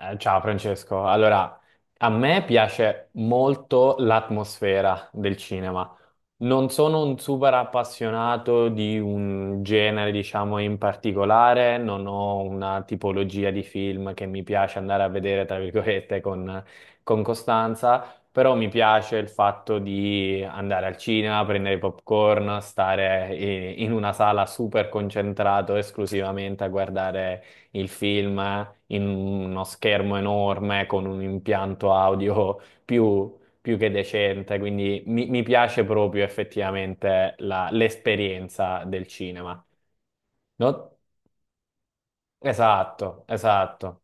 Ciao Francesco, allora a me piace molto l'atmosfera del cinema. Non sono un super appassionato di un genere, diciamo, in particolare, non ho una tipologia di film che mi piace andare a vedere, tra virgolette, con costanza, però mi piace il fatto di andare al cinema, prendere i popcorn, stare in una sala super concentrato esclusivamente a guardare il film in uno schermo enorme con un impianto audio più, più che decente, quindi mi piace proprio effettivamente l'esperienza del cinema. No? Esatto, esatto.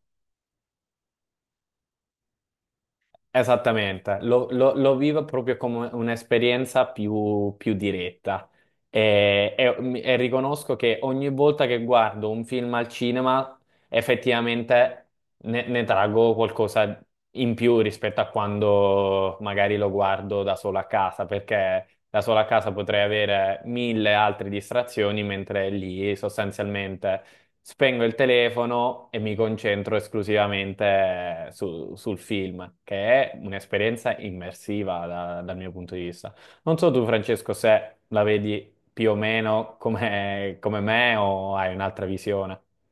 Esattamente, lo vivo proprio come un'esperienza più, più diretta e, e riconosco che ogni volta che guardo un film al cinema effettivamente ne traggo qualcosa in più rispetto a quando magari lo guardo da solo a casa, perché da solo a casa potrei avere mille altre distrazioni, mentre lì sostanzialmente spengo il telefono e mi concentro esclusivamente sul film, che è un'esperienza immersiva dal mio punto di vista. Non so tu, Francesco, se la vedi più o meno come, come me o hai un'altra visione.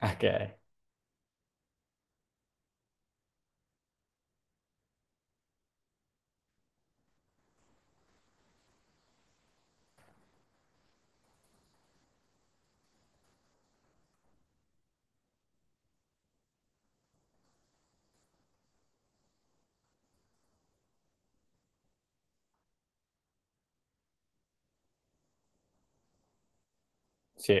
Ok, sì,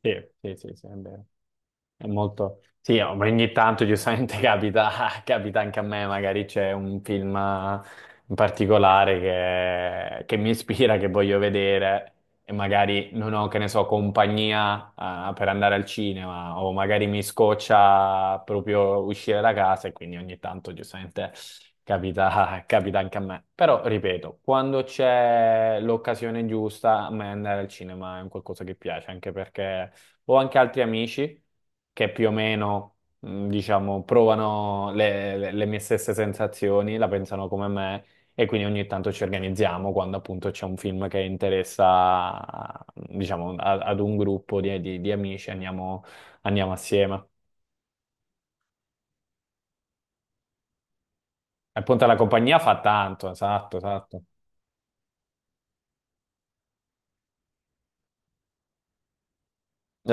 sì, sì, sì, sì, è vero. È molto... Sì, oh, ma ogni tanto giustamente capita, capita anche a me, magari c'è un film in particolare che mi ispira, che voglio vedere e magari non ho, che ne so, compagnia per andare al cinema o magari mi scoccia proprio uscire da casa e quindi ogni tanto giustamente capita, capita anche a me. Però, ripeto, quando c'è l'occasione giusta, a me andare al cinema è un qualcosa che piace, anche perché... Ho anche altri amici che più o meno, diciamo, provano le, le mie stesse sensazioni, la pensano come me e quindi ogni tanto ci organizziamo quando appunto c'è un film che interessa, diciamo, ad un gruppo di, di amici, andiamo, andiamo assieme. E appunto la compagnia fa tanto, esatto, esatto,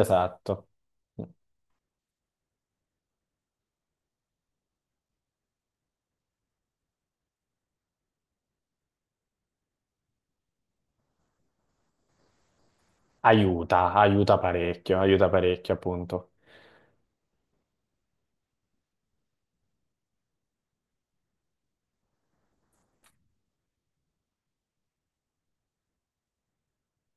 esatto. Aiuta, aiuta parecchio appunto.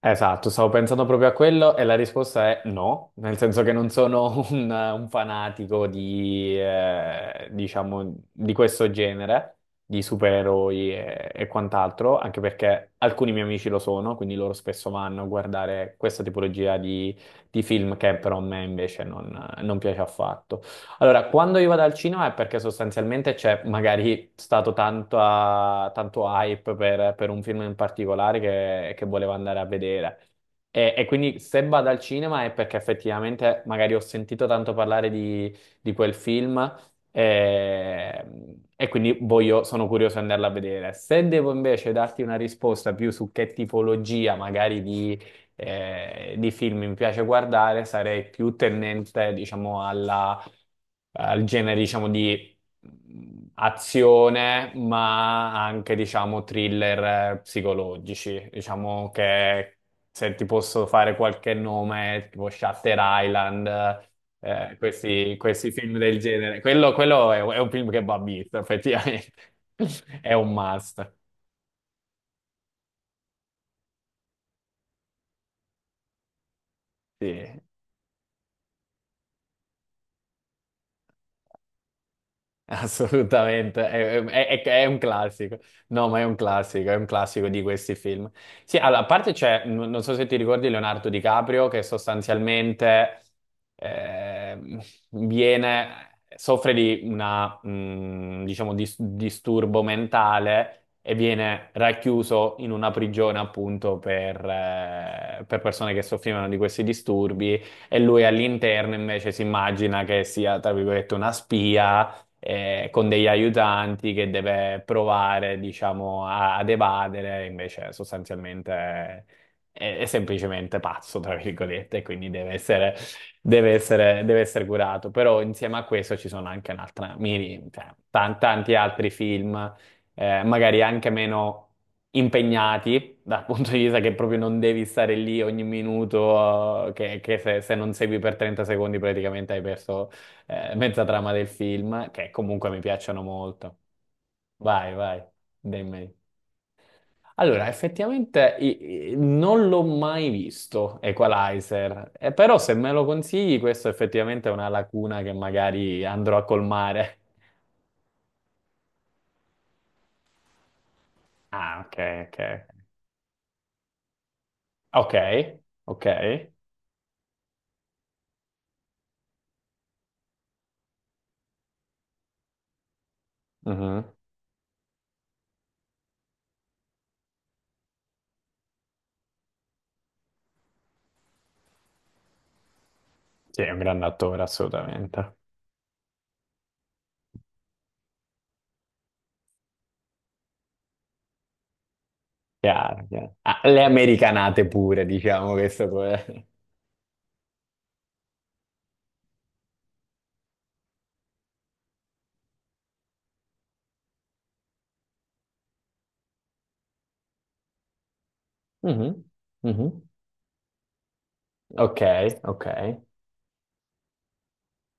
Esatto, stavo pensando proprio a quello e la risposta è no, nel senso che non sono un fanatico di, diciamo, di questo genere, di supereroi e quant'altro, anche perché alcuni miei amici lo sono, quindi loro spesso vanno a guardare questa tipologia di film che però a me invece non, non piace affatto. Allora, quando io vado al cinema è perché sostanzialmente c'è magari stato tanto, ah, tanto hype per un film in particolare che volevo andare a vedere. E quindi se vado al cinema è perché effettivamente magari ho sentito tanto parlare di quel film e, e quindi sono curioso di andarla a vedere. Se devo invece darti una risposta più su che tipologia magari di film mi piace guardare, sarei più tendente, diciamo, alla al genere, diciamo, di azione, ma anche, diciamo, thriller psicologici. Diciamo che se ti posso fare qualche nome, tipo Shutter Island, questi, questi film del genere. Quello è un film che va visto, effettivamente. È un must. Sì. Assolutamente, è un classico. No, ma è un classico di questi film. Sì, allora, a parte c'è, non so se ti ricordi Leonardo DiCaprio, che sostanzialmente ehm, viene, soffre di una, diciamo, disturbo mentale e viene racchiuso in una prigione appunto per persone che soffrivano di questi disturbi e lui all'interno invece si immagina che sia, tra virgolette, una spia con degli aiutanti che deve provare, diciamo, ad evadere, invece sostanzialmente è, è semplicemente pazzo, tra virgolette, e quindi deve essere, deve essere, deve essere curato. Però insieme a questo ci sono anche un'altra, cioè, tanti altri film, magari anche meno impegnati dal punto di vista che proprio non devi stare lì ogni minuto, che se, se non segui per 30 secondi praticamente hai perso mezza trama del film, che comunque mi piacciono molto. Vai, vai, dimmi. Allora, effettivamente non l'ho mai visto Equalizer, però se me lo consigli, questo effettivamente è una lacuna che magari andrò a colmare. Ah, ok, ok. Ok, ok. Mhm. Sì, è un grande attore, assolutamente. Chiaro, chiaro. Ah, le americanate pure, diciamo, questo pure. Mhm, mhm. Ok, ok.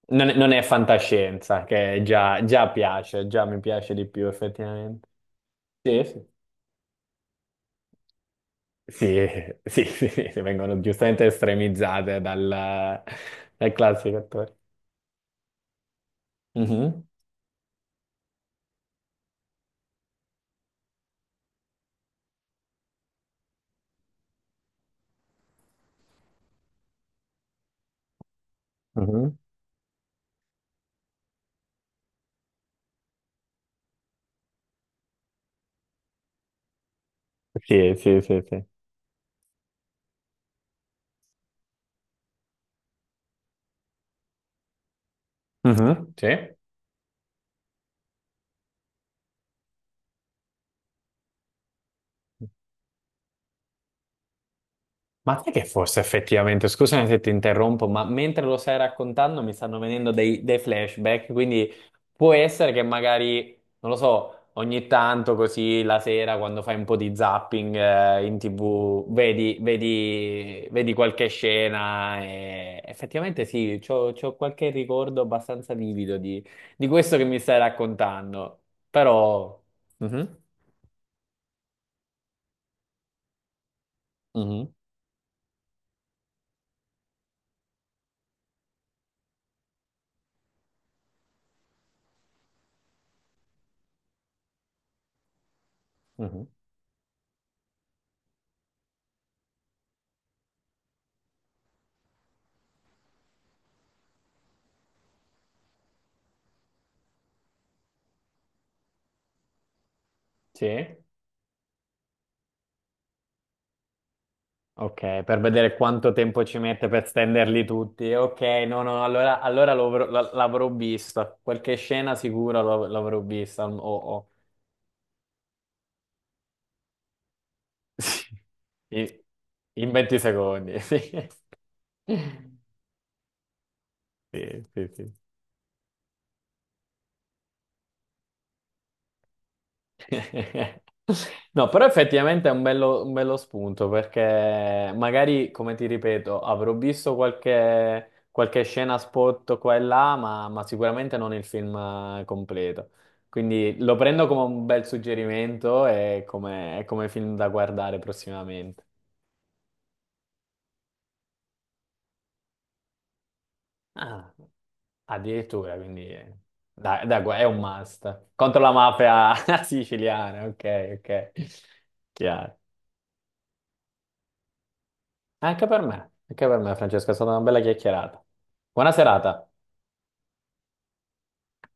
Non è, non è fantascienza, che già, già piace, già mi piace di più effettivamente. Sì, sì. Sì, sì, sì, sì, sì, vengono giustamente estremizzate dal, dal classico attore. Mhm, mhm. Sì, sì, sì, sì. Mhm, sì. Ma te che forse effettivamente, scusami se ti interrompo, ma mentre lo stai raccontando mi stanno venendo dei, dei flashback, quindi può essere che magari, non lo so, ogni tanto così la sera quando fai un po' di zapping in TV vedi, vedi, vedi qualche scena e effettivamente sì, c'ho, c'ho qualche ricordo abbastanza vivido di questo che mi stai raccontando, però... Mhm, mhm, mhm. Sì. Ok, per vedere quanto tempo ci mette per stenderli tutti. Ok, no, no, allora, allora l'avrò vista. Qualche scena sicura l'avrò vista. Sì, In, in 20 secondi. Sì, sì, sì. No, però effettivamente è un bello spunto perché magari, come ti ripeto, avrò visto qualche, qualche scena spot qua e là, ma sicuramente non il film completo. Quindi lo prendo come un bel suggerimento e come film da guardare prossimamente. Ah, addirittura, quindi è un must. Contro la mafia siciliana, ok, ok. Chiaro. Anche per me, anche per me, Francesca, è stata una bella chiacchierata. Buona serata.